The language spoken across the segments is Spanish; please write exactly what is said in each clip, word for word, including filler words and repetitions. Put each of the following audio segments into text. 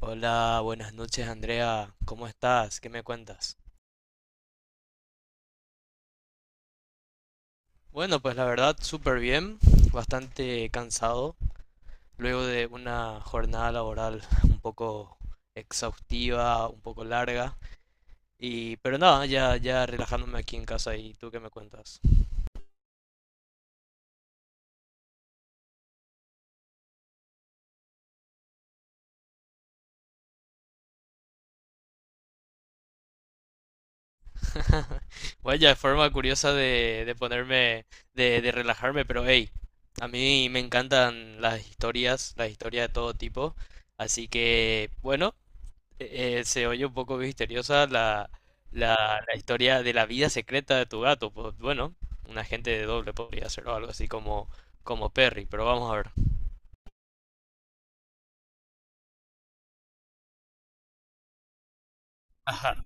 Hola, buenas noches Andrea, ¿cómo estás? ¿Qué me cuentas? Bueno, pues la verdad, súper bien, bastante cansado, luego de una jornada laboral un poco exhaustiva, un poco larga, y pero nada, ya, ya relajándome aquí en casa y tú qué me cuentas. Vaya forma curiosa de, de ponerme, de, de relajarme, pero hey, a mí me encantan las historias, las historias de todo tipo, así que bueno. Eh, se oye un poco misteriosa la, la, la historia de la vida secreta de tu gato. Pues bueno, un agente de doble podría ser o algo así como, como Perry, pero vamos a ver. Ajá.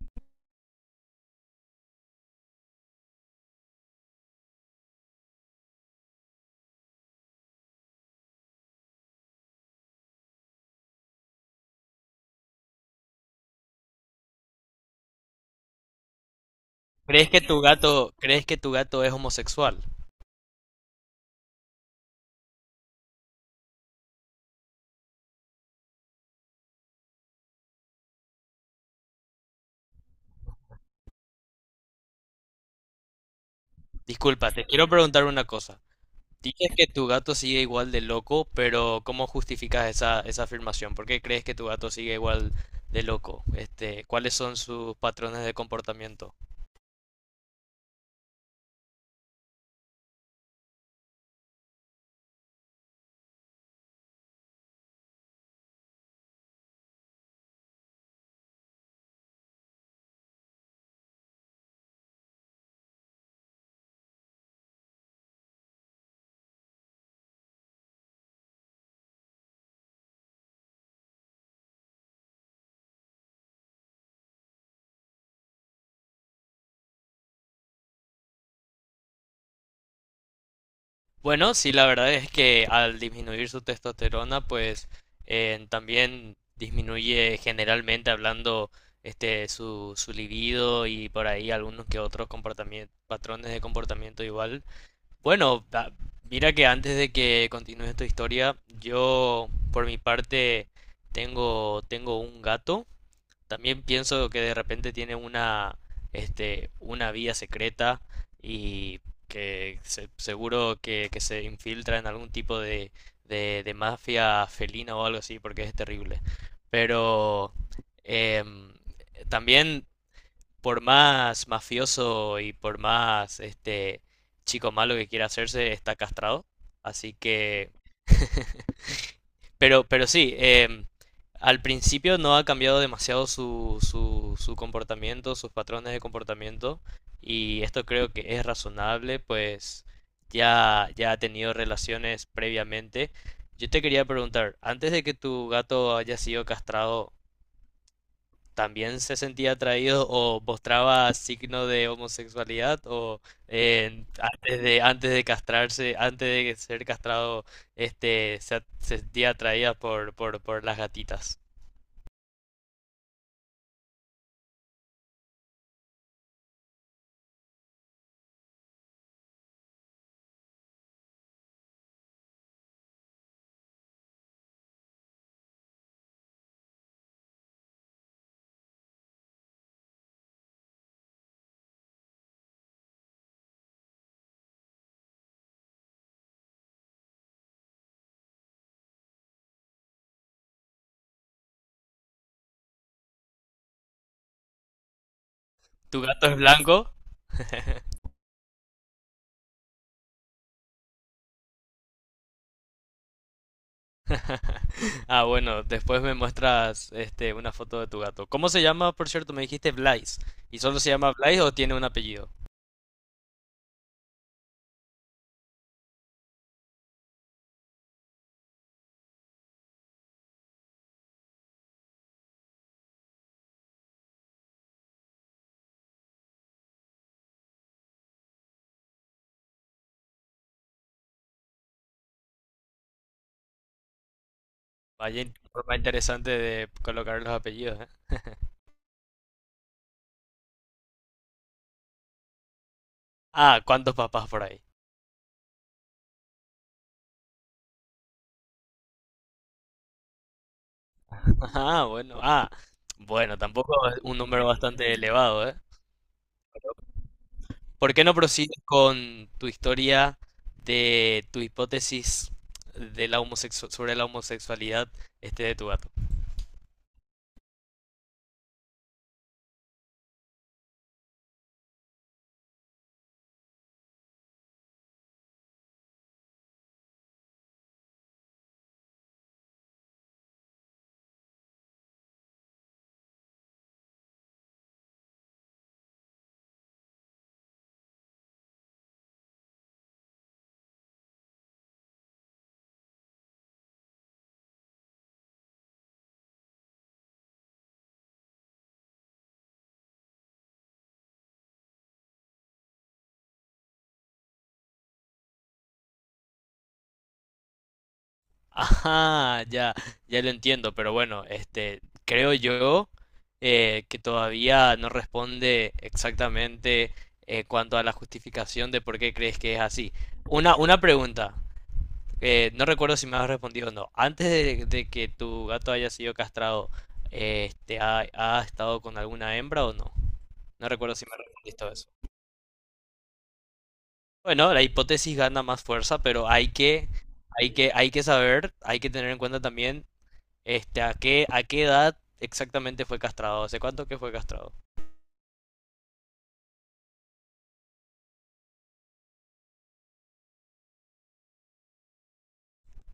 ¿Crees que tu gato, crees que tu gato es homosexual? Disculpa, te quiero preguntar una cosa. Dices que tu gato sigue igual de loco, pero ¿cómo justificas esa, esa afirmación? ¿Por qué crees que tu gato sigue igual de loco? Este, ¿cuáles son sus patrones de comportamiento? Bueno, sí, la verdad es que al disminuir su testosterona, pues eh, también disminuye generalmente hablando este su, su libido y por ahí algunos que otros comportamientos, patrones de comportamiento igual. Bueno, a- mira que antes de que continúe esta historia, yo por mi parte tengo tengo un gato también pienso que de repente tiene una, este, una vía secreta y que se- seguro que, que se infiltra en algún tipo de, de, de mafia felina o algo así, porque es terrible. Pero em, también, por más mafioso y por más este chico malo que quiera hacerse, está castrado. Así que Pero, pero sí, eh, al principio no ha cambiado demasiado su, su, su comportamiento, sus patrones de comportamiento, y esto creo que es razonable, pues ya, ya ha tenido relaciones previamente. Yo te quería preguntar, antes de que tu gato haya sido castrado, también se sentía atraído o mostraba signo de homosexualidad o eh, antes de antes de castrarse, antes de ser castrado, este se, at- se sentía atraída por, por, por las gatitas. ¿Tu gato es blanco? Ah, bueno, después me muestras este una foto de tu gato. ¿Cómo se llama, por cierto? Me dijiste Blaise. ¿Y solo se llama Blaise o tiene un apellido? Vaya in- forma interesante de colocar los apellidos, ¿eh? Ah, ¿cuántos papás por ahí? Ah, bueno. Ah, bueno, tampoco es un número bastante elevado, ¿eh? ¿Por qué no prosigues con tu historia de tu hipótesis de la homosexu- sobre la homosexualidad este de tu gato? Ajá, ya, ya lo entiendo, pero bueno, este, creo yo eh, que todavía no responde exactamente eh, cuanto a la justificación de por qué crees que es así. Una, una pregunta. Eh, no recuerdo si me has respondido o no. Antes de, de que tu gato haya sido castrado, eh, este, ha, ha estado con alguna hembra o no? No recuerdo si me respondiste a eso. Bueno, la hipótesis gana más fuerza, pero hay que, hay que, hay que saber, hay que tener en cuenta también, este, a qué, a qué edad exactamente fue castrado. ¿Hace cuánto que fue castrado?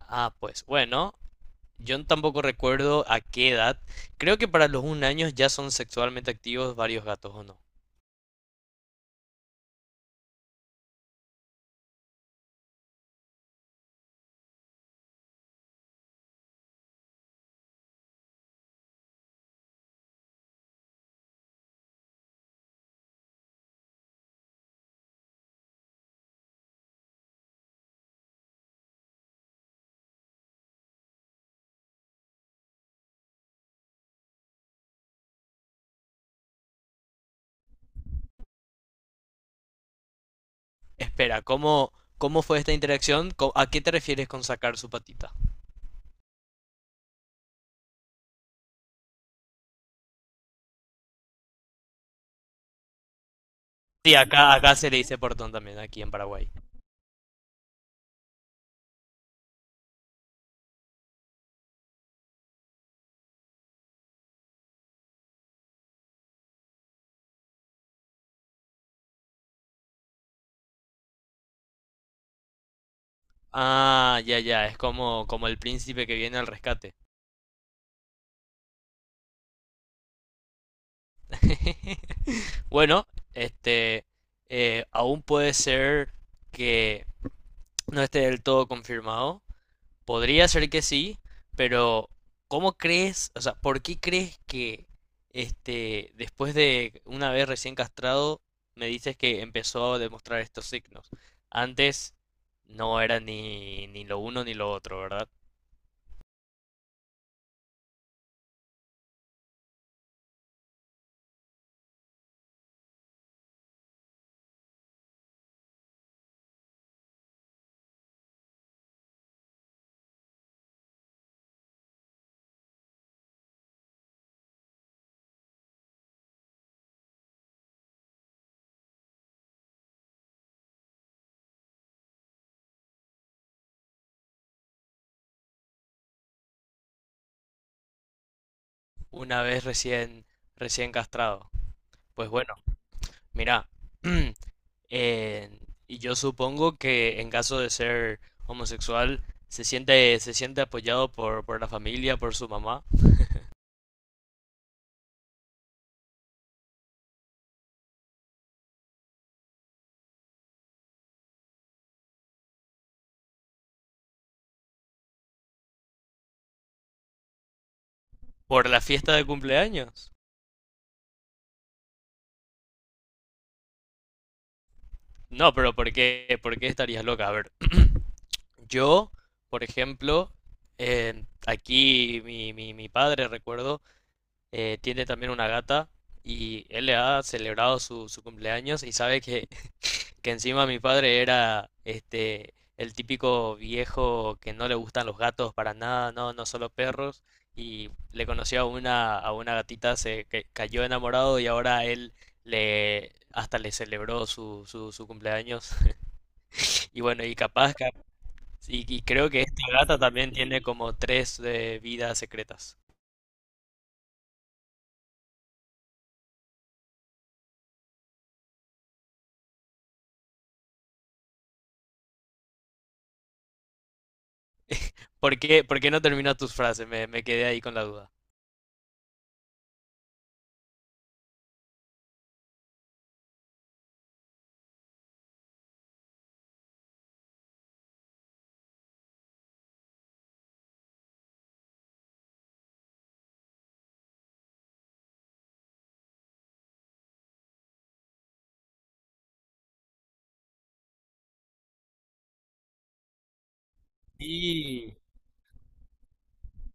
Ah, pues bueno, yo tampoco recuerdo a qué edad. Creo que para los un año ya son sexualmente activos varios gatos, ¿o no? Espera, ¿cómo, ¿cómo fue esta interacción? Co- ¿A qué te refieres con sacar su patita? Sí, acá, acá se le dice portón también, aquí en Paraguay. Ah, ya, ya, es como, como el príncipe que viene al rescate. Bueno, este, eh, aún puede ser que no esté del todo confirmado. Podría ser que sí, pero ¿cómo crees? O sea, ¿por qué crees que este, después de una vez recién castrado, me dices que empezó a demostrar estos signos? Antes no era ni, ni lo uno ni lo otro, ¿verdad? Una vez recién, recién castrado. Pues bueno, mira, eh, y yo supongo que en caso de ser homosexual, se siente, se siente apoyado por, por la familia, por su mamá. ¿Por la fiesta de cumpleaños? No, pero ¿por qué, ¿por qué estarías loca? A ver, yo, por ejemplo, eh, aquí mi, mi, mi padre, recuerdo, eh, tiene también una gata y él le ha celebrado su, su cumpleaños y sabe que que encima mi padre era este el típico viejo que no le gustan los gatos para nada, no, no solo perros, y le conoció a una, a una gatita, se que cayó enamorado y ahora él le hasta le celebró su, su, su cumpleaños. Y bueno, y capaz, cap- y, y creo que esta gata también tiene como tres eh, vidas secretas. ¿Por qué, por qué no termina tus frases? Me, me quedé ahí con la duda. Sí,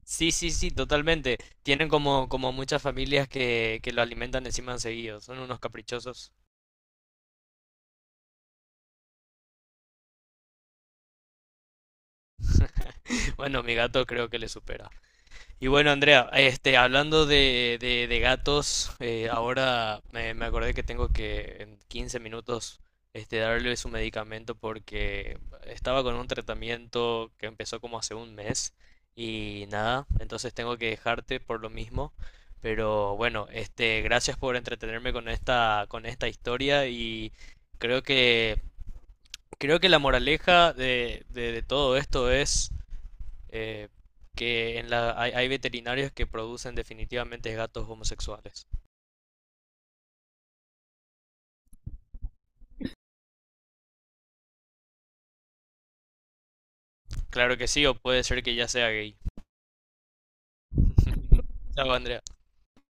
sí, sí, sí, totalmente. Tienen como, como muchas familias que, que lo alimentan encima seguido. Son unos caprichosos. Bueno, mi gato creo que le supera. Y bueno, Andrea, este, hablando de, de, de gatos, eh, ahora me, me acordé que tengo que en quince minutos este, darle su medicamento porque estaba con un tratamiento que empezó como hace un mes y nada, entonces tengo que dejarte por lo mismo. Pero bueno, este, gracias por entretenerme con esta, con esta historia y creo que, creo que la moraleja de, de, de todo esto es eh, que en la, hay, hay veterinarios que producen definitivamente gatos homosexuales. Claro que sí, o puede ser que ya sea gay. Chao, Andrea.